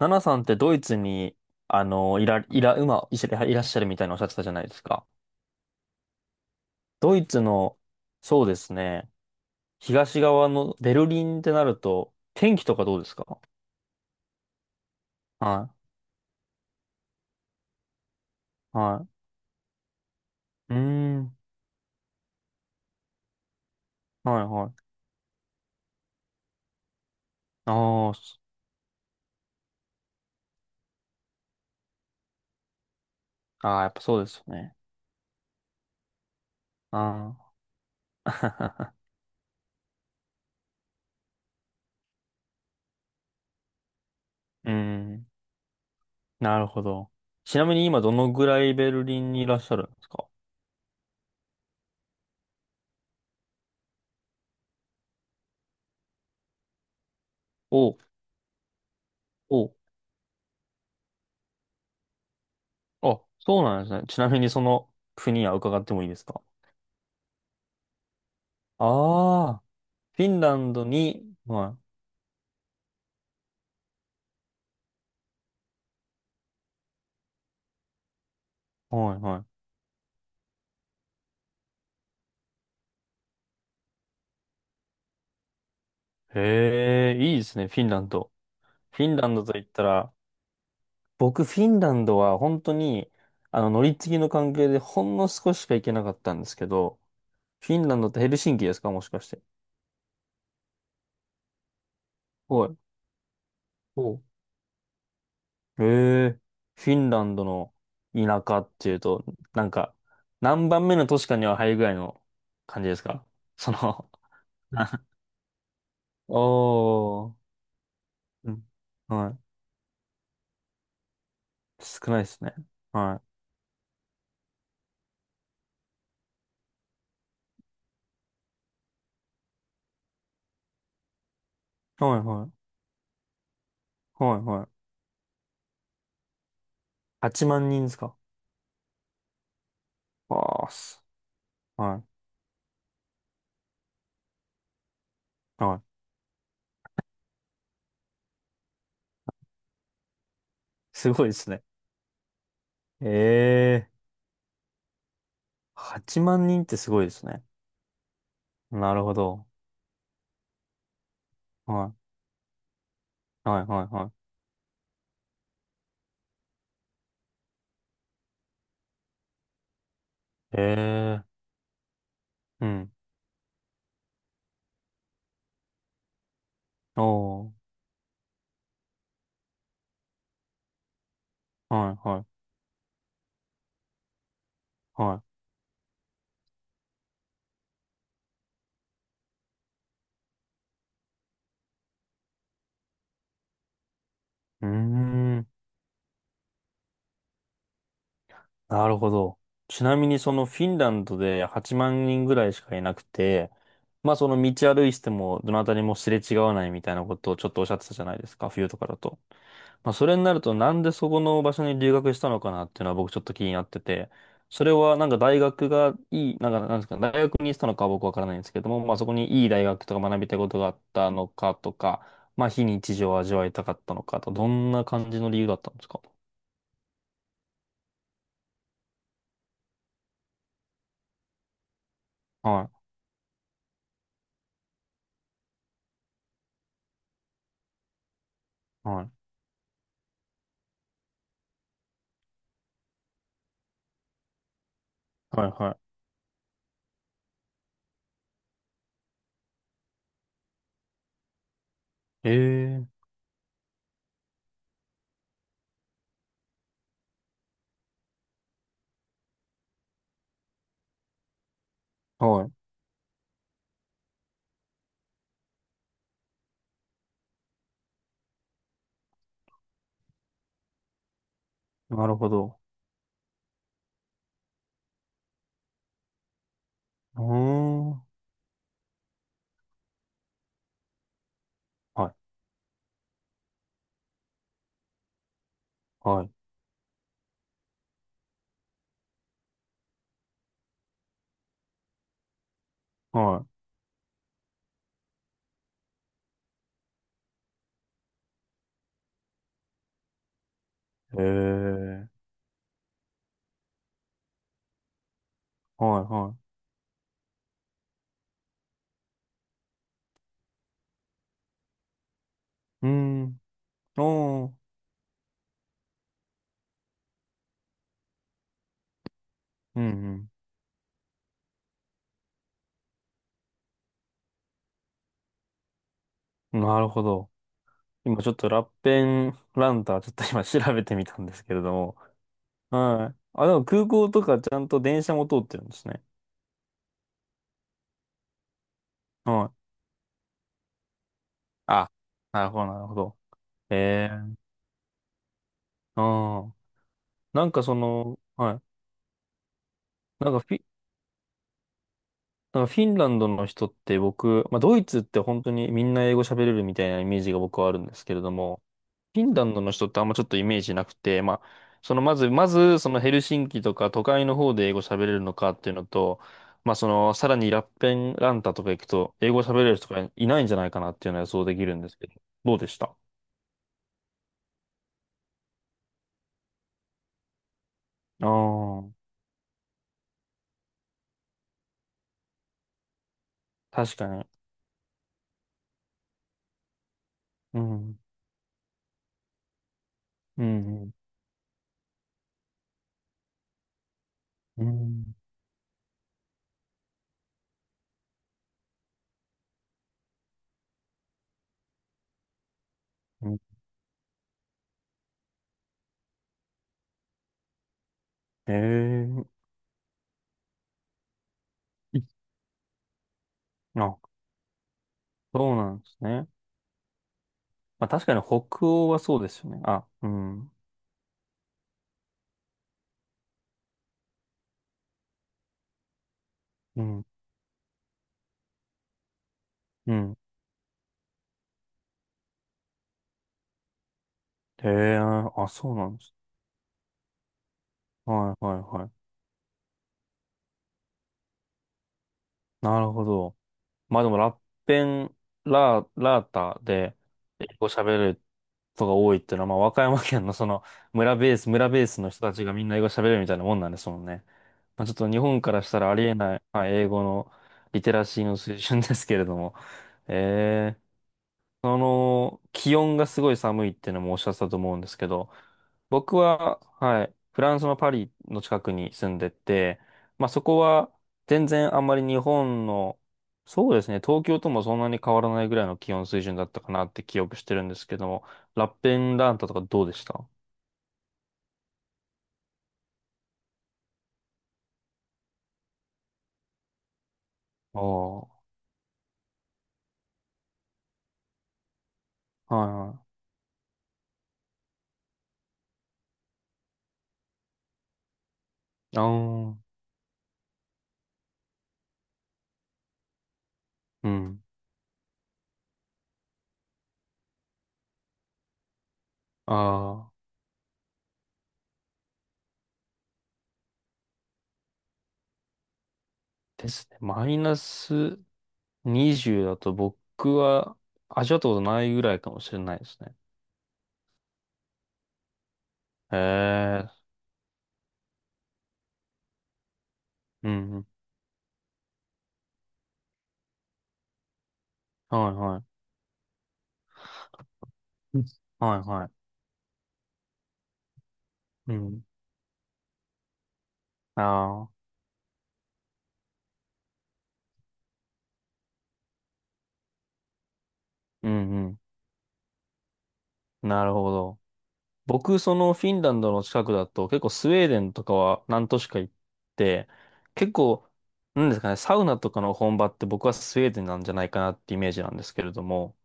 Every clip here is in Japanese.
ナナさんってドイツに、いらっしゃるみたいなおっしゃってたじゃないですか。ドイツの、そうですね、東側のベルリンってなると、天気とかどうですか？はい、はい。うーん、はい、はい。ああ、そあーやっぱそうですよね。ああ。うーん、なるほど。ちなみに今どのぐらいベルリンにいらっしゃるんですか？お、お、あ、そうなんですね。ちなみにその国は伺ってもいいですか？ああーフィンランドに、はい、はい、はい。へえ、いいですね、フィンランド。フィンランドと言ったら、僕、フィンランドは本当に、乗り継ぎの関係でほんの少ししか行けなかったんですけど、フィンランドってヘルシンキですか、もしかして。はい。おへえ、フィンランドの田舎っていうと、なんか、何番目の都市かには入るぐらいの感じですか？その おー、うん、はい。少ないですね。はい。はい、はい。はいはい。8万人ですか？わあ、はい。はい。すごいですね。ええー。8万人ってすごいですね。なるほど。はい。はいはいはい。ええー。うん。おー。はいはいはい。うーん。なるほど。ちなみにそのフィンランドで8万人ぐらいしかいなくて、まあその道歩いててもどなたにもすれ違わないみたいなことをちょっとおっしゃってたじゃないですか、冬とかだと。まあ、それになると、なんでそこの場所に留学したのかなっていうのは僕ちょっと気になってて、それはなんか大学がいい、なんかなんですか、大学にしたのかは僕わからないんですけども、まあそこにいい大学とか学びたいことがあったのかとか、まあ非日常を味わいたかったのかと、どんな感じの理由だったんですか？はい、はい、はい、はい。ええ、はい、なるほど。うーん、はい、はい、はい。ええ、はい、はい。うーん、おー、うん、うん。なるほど。今ちょっとラッペンランターちょっと今調べてみたんですけれども。はい。あ、でも空港とかちゃんと電車も通ってるんですね。はい。あ、なるほど、なるほど。ええ、うん。なんかその、はい。なんかフィ、なんかフィンランドの人って僕、まあドイツって本当にみんな英語喋れるみたいなイメージが僕はあるんですけれども、フィンランドの人ってあんまちょっとイメージなくて、まあ、そのまず、そのヘルシンキとか都会の方で英語喋れるのかっていうのと、まあ、その、さらにラッペンランタとか行くと、英語喋れる人がいないんじゃないかなっていうのは予想できるんですけど、どうでした？ああー、確かに。うん、うん、うん、うん。ええ、いあ、そうなんですね。まあ、確かに北欧はそうですよね。あ、うん、うん、うん。ええ、そうなんです。はい、はい、はい。なるほど。まあでも、ラッペン、ラー、ラータで、英語喋る人が多いっていうのは、まあ、和歌山県の その、村ベース、村ベースの人たちがみんな英語喋れるみたいなもんなんですもんね。まあ、ちょっと日本からしたらありえない、はい、英語のリテラシーの水準ですけれども。ええ、その、気温がすごい寒いっていうのもおっしゃってたと思うんですけど、僕は、はい、フランスのパリの近くに住んでて、まあそこは全然あんまり日本の、そうですね、東京ともそんなに変わらないぐらいの気温水準だったかなって記憶してるんですけども、ラッペンランタとかどうでした？ああ、はいはい。ああ、うん。ああ、ですね。マイナス20だと僕は味わったことないぐらいかもしれないですね。へえ、うん、うん。はいはい。うん、はいはい。うん。ああ、うんうん。なるほど。僕、そのフィンランドの近くだと、結構スウェーデンとかは何都市か行って、結構、なんですかね、サウナとかの本場って僕はスウェーデンなんじゃないかなってイメージなんですけれども、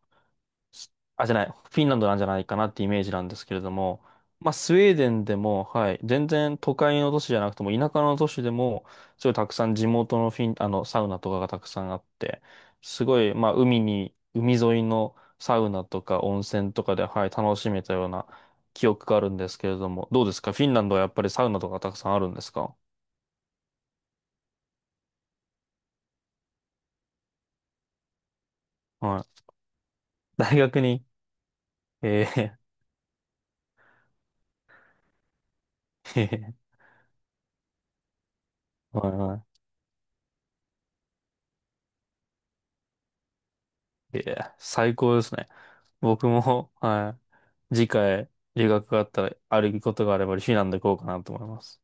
あ、じゃない、フィンランドなんじゃないかなってイメージなんですけれども、まあ、スウェーデンでも、はい、全然都会の都市じゃなくても、田舎の都市でも、すごいたくさん地元のフィン、サウナとかがたくさんあって、すごい、まあ、海に、海沿いのサウナとか温泉とかで、はい、楽しめたような記憶があるんですけれども、どうですかフィンランドはやっぱりサウナとかたくさんあるんですか？はい。大学に、えー はいはい。いや、最高ですね。僕も、はい。次回、留学があったら、あることがあれば、フィンランド行こうかなと思います。